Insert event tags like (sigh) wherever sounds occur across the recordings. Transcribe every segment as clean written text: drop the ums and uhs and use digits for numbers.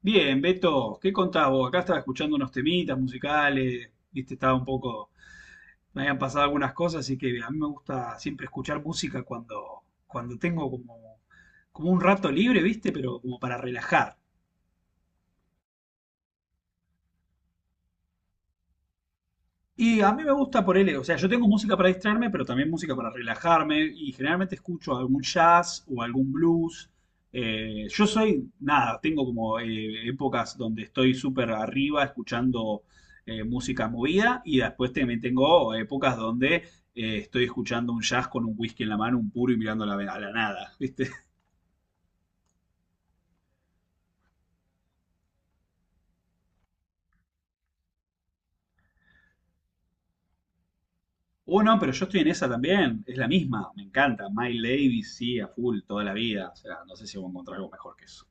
Bien, Beto, ¿qué contás vos? Acá estaba escuchando unos temitas musicales, viste, estaba un poco, me habían pasado algunas cosas, así que a mí me gusta siempre escuchar música cuando, tengo como, un rato libre, viste, pero como para relajar. Y a mí me gusta por él, o sea, yo tengo música para distraerme, pero también música para relajarme y generalmente escucho algún jazz o algún blues. Yo soy, nada, tengo como épocas donde estoy súper arriba escuchando música movida y después también tengo épocas donde estoy escuchando un jazz con un whisky en la mano, un puro y mirando a la, nada, (laughs) ¿viste? O no, pero yo estoy en esa también, es la misma, me encanta. Miles Davis sí, a full, toda la vida. O sea, no sé si voy a encontrar algo mejor que eso.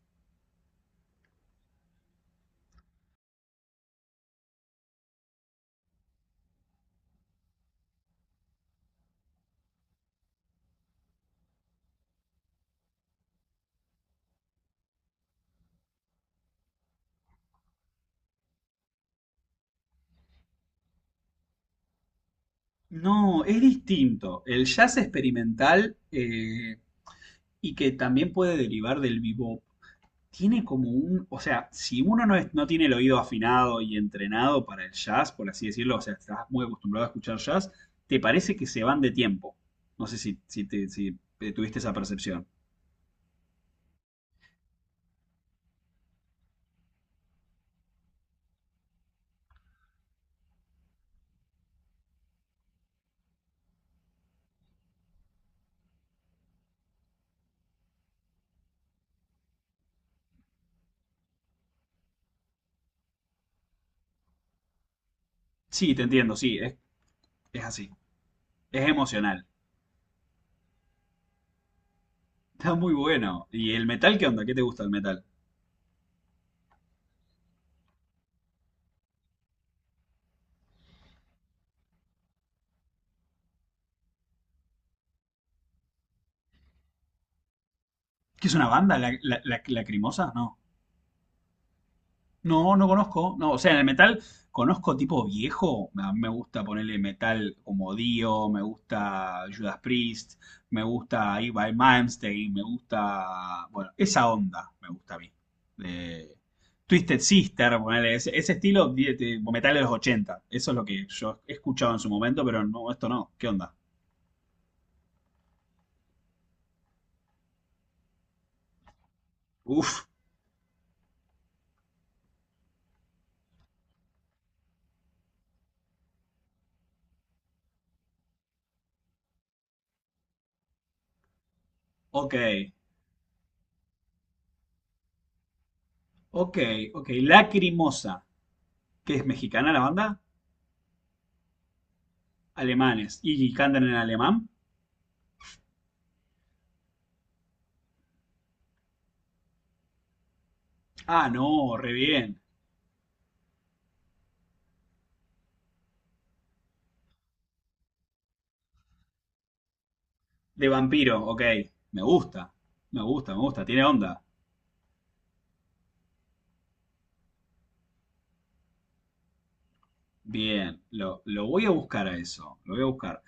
No, es distinto. El jazz experimental y que también puede derivar del bebop, tiene como un, o sea, si uno no, no tiene el oído afinado y entrenado para el jazz, por así decirlo, o sea, estás muy acostumbrado a escuchar jazz, te parece que se van de tiempo. No sé si, si, te, si tuviste esa percepción. Sí, te entiendo, sí, es así. Es emocional. Está muy bueno. ¿Y el metal qué onda? ¿Qué te gusta el metal? ¿Qué es una banda? ¿La, lacrimosa? No. No, no conozco. No, o sea, en el metal conozco tipo viejo. A mí me gusta ponerle metal como Dio, me gusta Judas Priest, me gusta Ibai Malmsteen, me gusta. Bueno, esa onda me gusta a mí. De Twisted Sister, ponerle ese, ese estilo metal de los ochenta. Eso es lo que yo he escuchado en su momento, pero no, esto no. ¿Qué onda? Uf, ok, ok, ok. Lacrimosa, que es mexicana la banda, alemanes y cantan en alemán. Ah, no, re bien. De vampiro, ok. Me gusta, me gusta, me gusta, tiene onda. Bien, lo voy a buscar a eso, lo voy a buscar.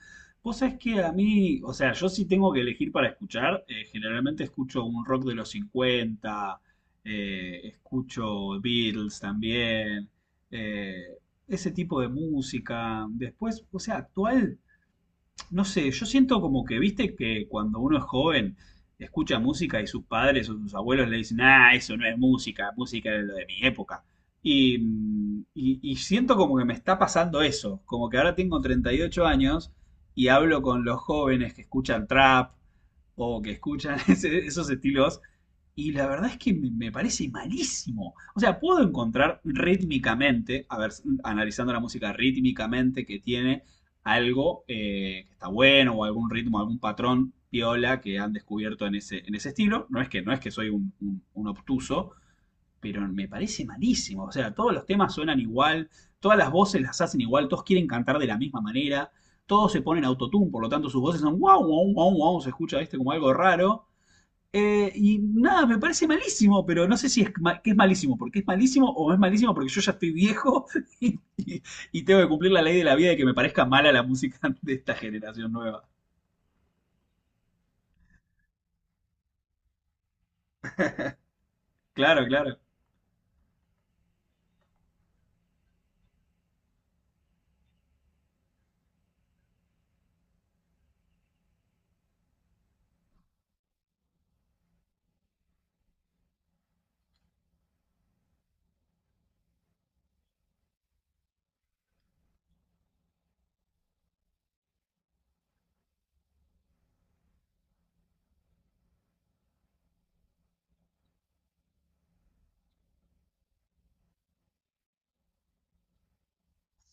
Vos sabés que a mí, o sea, yo sí tengo que elegir para escuchar. Generalmente escucho un rock de los 50, escucho Beatles también, eh, ese tipo de música. Después, o sea, actual. No sé, yo siento como que, viste, que cuando uno es joven escucha música y sus padres o sus abuelos le dicen, ah, eso no es música, música es lo de mi época. Y, y siento como que me está pasando eso, como que ahora tengo 38 años y hablo con los jóvenes que escuchan trap, o que escuchan (laughs) esos estilos. Y la verdad es que me parece malísimo. O sea, puedo encontrar rítmicamente, a ver, analizando la música rítmicamente que tiene algo que está bueno o algún ritmo, algún patrón piola que han descubierto en ese estilo. No es que, no es que soy un, un obtuso, pero me parece malísimo. O sea, todos los temas suenan igual, todas las voces las hacen igual, todos quieren cantar de la misma manera, todos se ponen autotune, por lo tanto sus voces son wow, wow, wow, wow, se escucha este como algo raro. Y nada, me parece malísimo, pero no sé si es, que es malísimo, porque es malísimo o es malísimo porque yo ya estoy viejo (laughs) y, y tengo que cumplir la ley de la vida de que me parezca mala la música (laughs) de esta generación nueva. Claro, claro.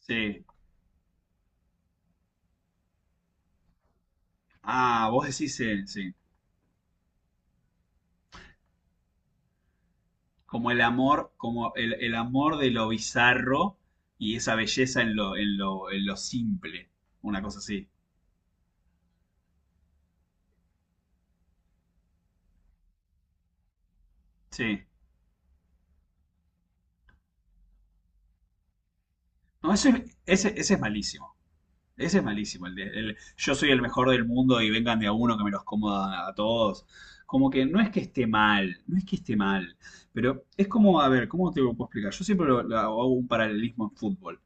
Sí. Ah, vos decís, sí. Como el amor, como el, amor de lo bizarro y esa belleza en lo, en lo simple. Una cosa así. Sí. No, ese es malísimo. Ese es malísimo. El yo soy el mejor del mundo y vengan de a uno que me los coma a todos. Como que no es que esté mal, no es que esté mal. Pero es como, a ver, ¿cómo te lo puedo explicar? Yo siempre lo hago un paralelismo en fútbol.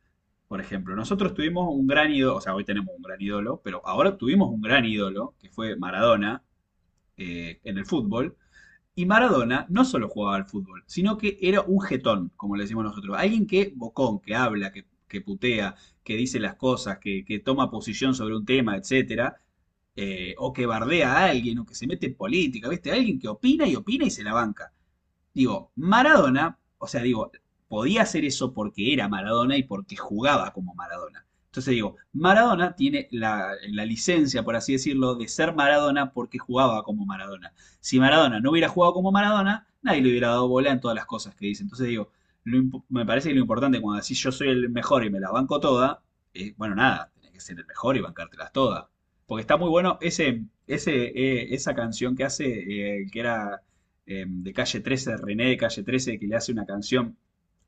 Por ejemplo, nosotros tuvimos un gran ídolo, o sea, hoy tenemos un gran ídolo, pero ahora tuvimos un gran ídolo, que fue Maradona, en el fútbol. Y Maradona no solo jugaba al fútbol, sino que era un jetón, como le decimos nosotros. Alguien que bocón, que habla, que putea, que dice las cosas, que toma posición sobre un tema, etcétera. O que bardea a alguien, o que se mete en política, ¿viste? Alguien que opina y opina y se la banca. Digo, Maradona, o sea, digo, podía hacer eso porque era Maradona y porque jugaba como Maradona. Entonces digo, Maradona tiene la, licencia, por así decirlo, de ser Maradona porque jugaba como Maradona. Si Maradona no hubiera jugado como Maradona, nadie le hubiera dado bola en todas las cosas que dice. Entonces digo, lo, me parece que lo importante cuando decís yo soy el mejor y me la banco toda, bueno, nada, tenés que ser el mejor y bancártelas todas. Porque está muy bueno ese, esa canción que hace, que era de Calle 13, René de Calle 13, que le hace una canción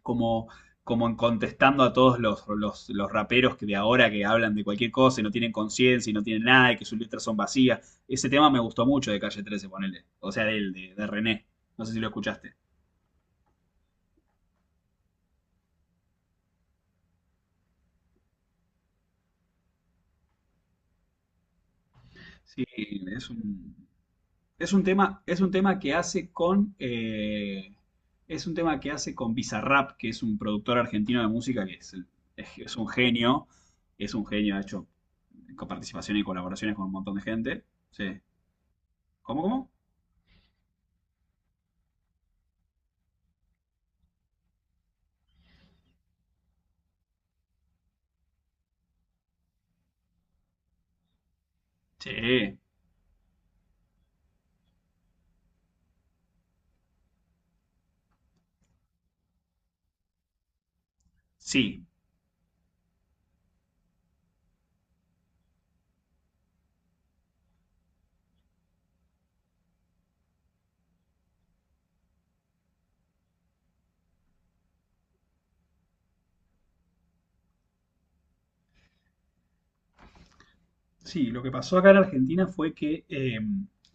como, como en contestando a todos los, los raperos que de ahora que hablan de cualquier cosa y no tienen conciencia y no tienen nada y que sus letras son vacías. Ese tema me gustó mucho de Calle 13, ponele. O sea, de él, de René. No sé si lo escuchaste. Sí, es un, es un tema que hace con... es un tema que hace con Bizarrap, que es un productor argentino de música que es, es- es un genio, es un genio, ha hecho con participación y colaboraciones con un montón de gente. Sí. ¿Cómo, cómo? Sí. Sí. Sí, lo que pasó acá en Argentina fue que eh,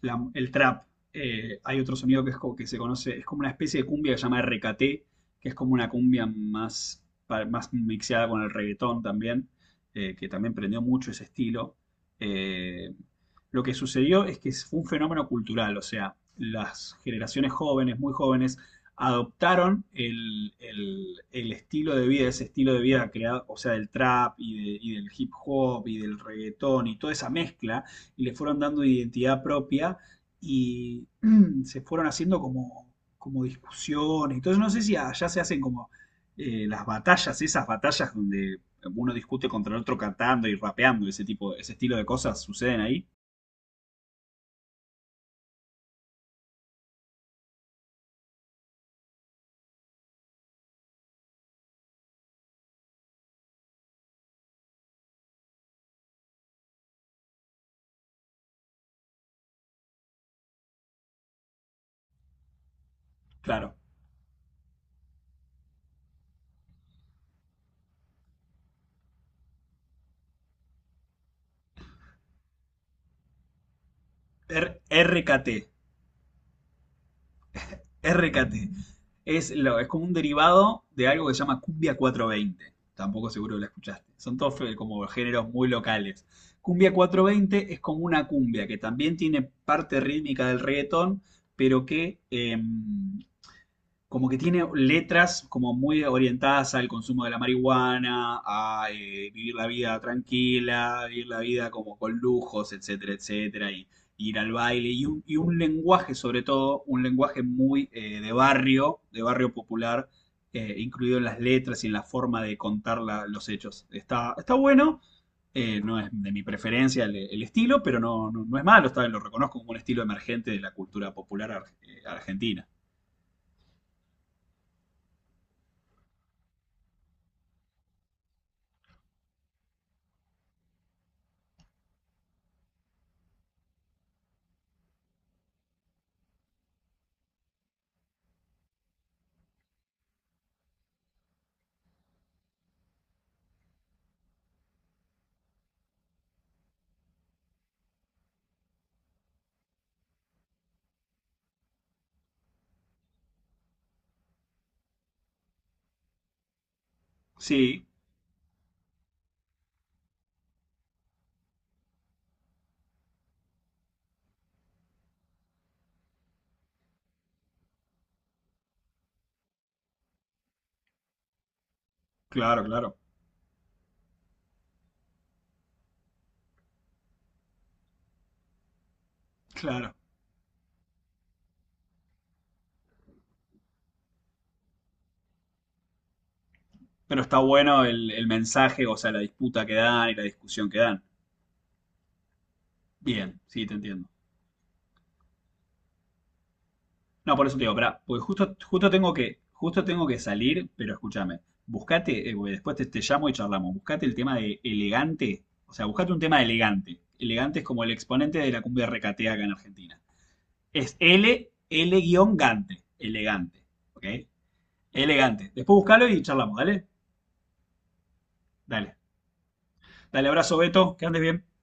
la- el trap, hay otro sonido que, es como, que se conoce, es como una especie de cumbia que se llama RKT, que es como una cumbia más, más mixeada con el reggaetón también, que también prendió mucho ese estilo. Eh, lo que sucedió es que fue un fenómeno cultural, o sea, las generaciones jóvenes, muy jóvenes, adoptaron el, estilo de vida, ese estilo de vida creado, o sea, del trap y, de, y, del hip hop y del reggaetón y toda esa mezcla, y le fueron dando identidad propia y (clears throat) se fueron haciendo como, como discusiones. Entonces, no sé si allá se hacen como las batallas, esas batallas donde uno discute contra el otro cantando y rapeando, ese tipo, ese estilo de cosas suceden ahí. Claro. R RKT, RKT. Es, lo, es como un derivado de algo que se llama Cumbia 420. Tampoco seguro que la escuchaste. Son todos como géneros muy locales. Cumbia cuatrocientos veinte es como una cumbia que también tiene parte rítmica del reggaetón, pero que como que tiene letras como muy orientadas al consumo de la marihuana, a vivir la vida tranquila, vivir la vida como con lujos, etcétera, etcétera, y ir al baile, y un, lenguaje sobre todo, un lenguaje muy de barrio popular, incluido en las letras y en la forma de contar los hechos. Está, está bueno, no es de mi preferencia el, estilo, pero no, no, no es malo, está bien, lo reconozco como un estilo emergente de la cultura popular argentina. Sí, claro, claro, claro. Pero está bueno el, mensaje, o sea, la disputa que dan y la discusión que dan. Bien, sí, te entiendo. No, por eso te digo, pará, porque justo, justo tengo que salir, pero escúchame, buscate, porque después te, llamo y charlamos, buscate el tema de elegante, o sea, buscate un tema de elegante. Elegante es como el exponente de la cumbia recatea acá en Argentina. Es L, L-gante, elegante, ¿ok? Elegante. Después buscalo y charlamos, ¿dale? Dale. Dale, abrazo, Beto, que andes bien.